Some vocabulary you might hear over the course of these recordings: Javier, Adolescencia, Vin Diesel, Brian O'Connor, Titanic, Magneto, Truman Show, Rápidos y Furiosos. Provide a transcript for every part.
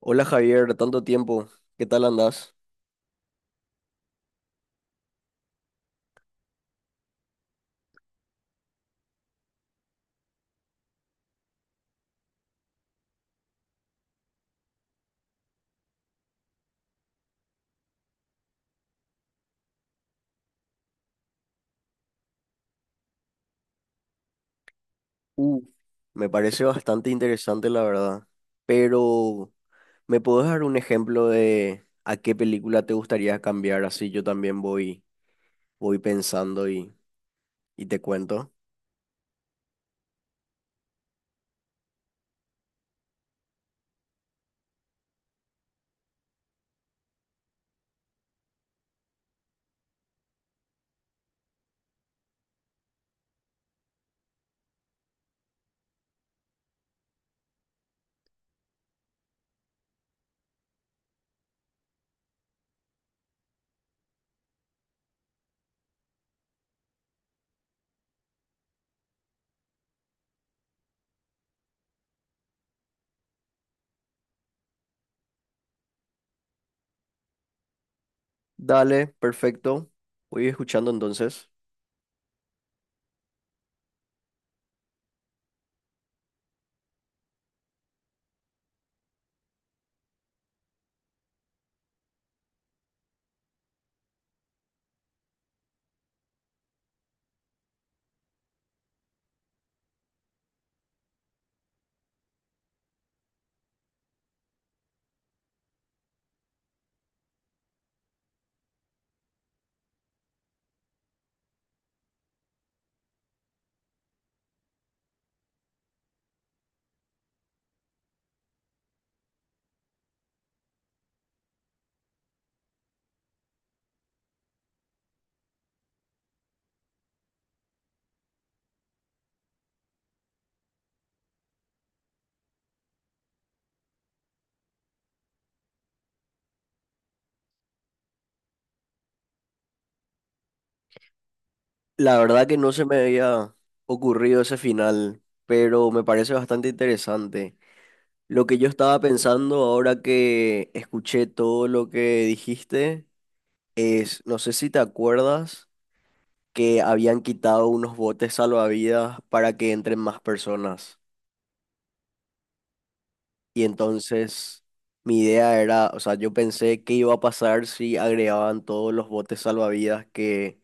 Hola Javier, tanto tiempo, ¿qué tal andás? Uh, Me parece bastante interesante la verdad, pero ¿me podés dar un ejemplo de a qué película te gustaría cambiar? Así yo también voy pensando y te cuento. Dale, perfecto, voy escuchando entonces. La verdad que no se me había ocurrido ese final, pero me parece bastante interesante. Lo que yo estaba pensando ahora que escuché todo lo que dijiste es, no sé si te acuerdas que habían quitado unos botes salvavidas para que entren más personas. Y entonces mi idea era, o sea, yo pensé qué iba a pasar si agregaban todos los botes salvavidas que,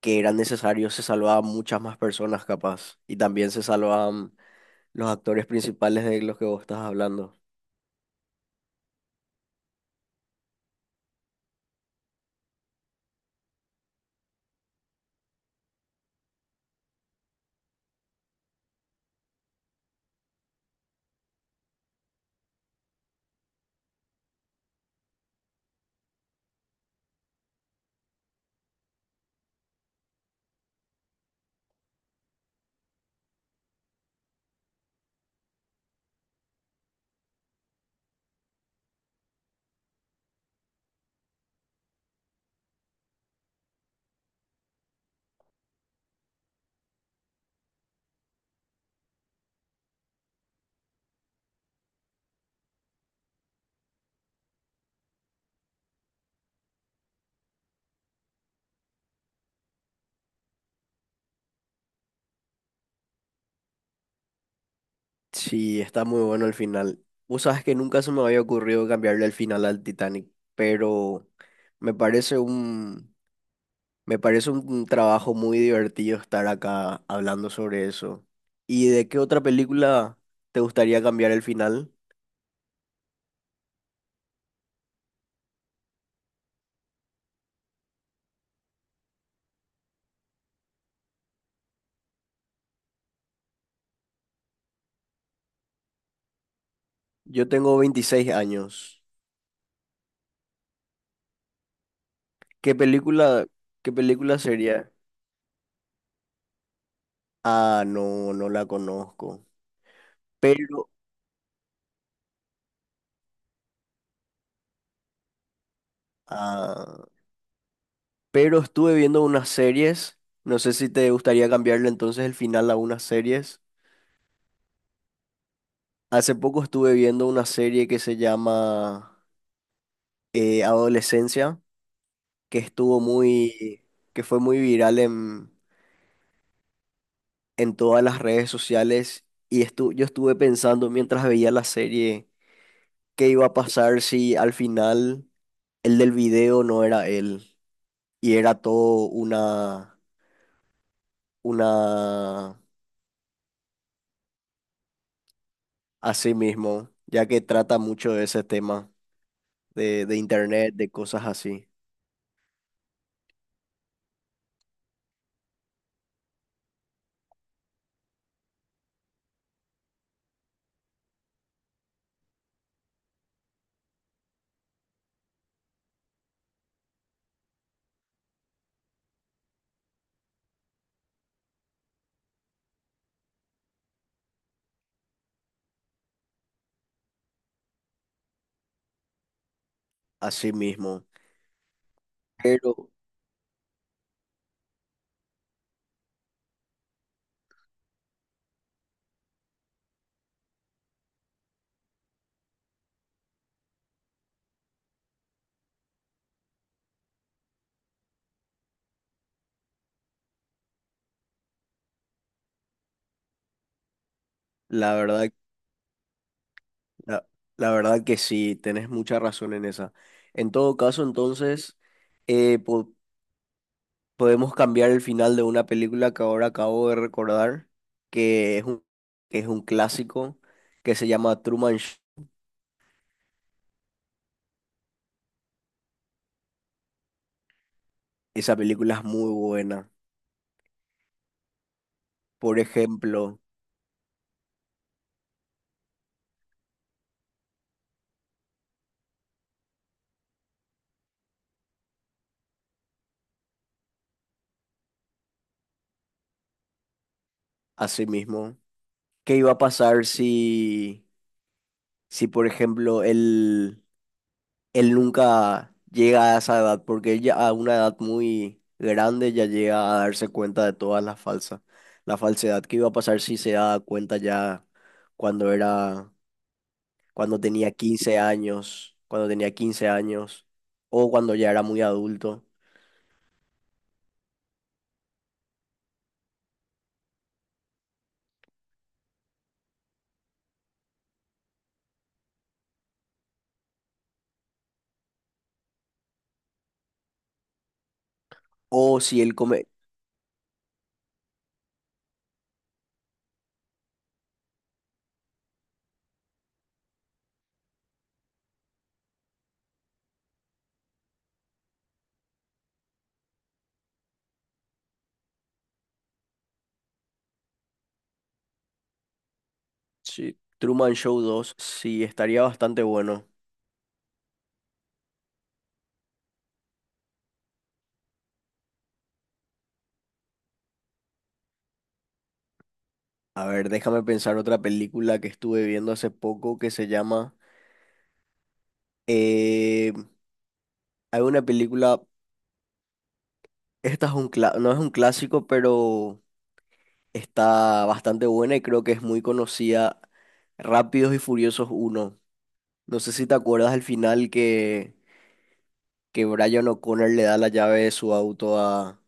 que eran necesarios, se salvaban muchas más personas capaz. Y también se salvaban los actores principales de los que vos estás hablando. Sí, está muy bueno el final. Vos sabes que nunca se me había ocurrido cambiarle el final al Titanic, pero me parece me parece un trabajo muy divertido estar acá hablando sobre eso. ¿Y de qué otra película te gustaría cambiar el final? Yo tengo 26 años. ¿Qué qué película sería? Ah, no, no la conozco. Pero, ah, pero estuve viendo unas series. No sé si te gustaría cambiarle entonces el final a unas series. Hace poco estuve viendo una serie que se llama Adolescencia. Que estuvo que fue muy viral en todas las redes sociales y yo estuve pensando mientras veía la serie qué iba a pasar si al final el del video no era él y era todo una así mismo, ya que trata mucho de ese tema de internet, de cosas así, así mismo. Pero la verdad, La, la verdad que sí, tenés mucha razón en esa. En todo caso, entonces, eh, po- podemos cambiar el final de una película que ahora acabo de recordar, que es que es un clásico, que se llama Truman Show. Esa película es muy buena. Por ejemplo, así mismo, ¿qué iba a pasar si por ejemplo, él nunca llega a esa edad, porque ella a una edad muy grande ya llega a darse cuenta de todas las falsas, la falsedad que iba a pasar si se daba cuenta ya cuando era, cuando tenía 15 años, o cuando ya era muy adulto, o si él come, sí, Truman Show 2 sí, estaría bastante bueno. A ver, déjame pensar otra película que estuve viendo hace poco que se llama... eh, hay una película. Esta es un cla- No es un clásico, pero está bastante buena y creo que es muy conocida. Rápidos y Furiosos uno. No sé si te acuerdas al final que Brian O'Connor le da la llave de su auto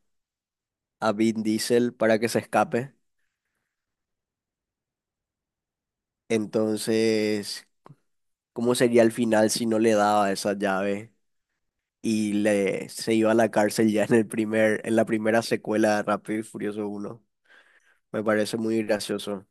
a Vin Diesel para que se escape. Entonces, ¿cómo sería el final si no le daba esa llave y se iba a la cárcel ya en el en la primera secuela de Rápido y Furioso uno? Me parece muy gracioso.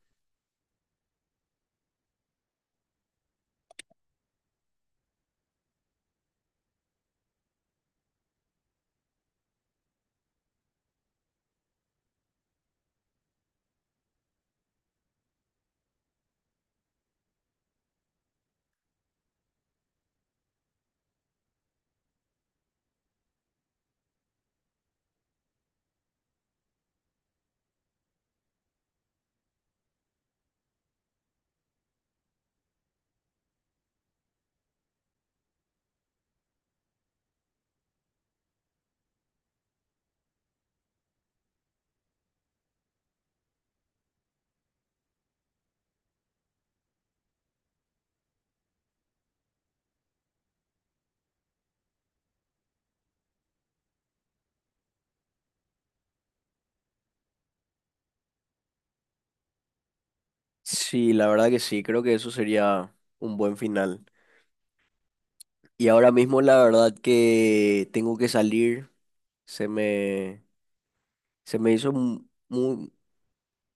Sí, la verdad que sí, creo que eso sería un buen final. Y ahora mismo la verdad que tengo que salir. Se me, se me hizo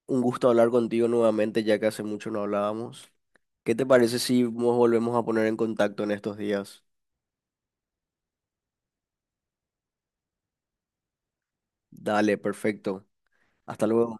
un gusto hablar contigo nuevamente, ya que hace mucho no hablábamos. ¿Qué te parece si nos volvemos a poner en contacto en estos días? Dale, perfecto. Hasta luego.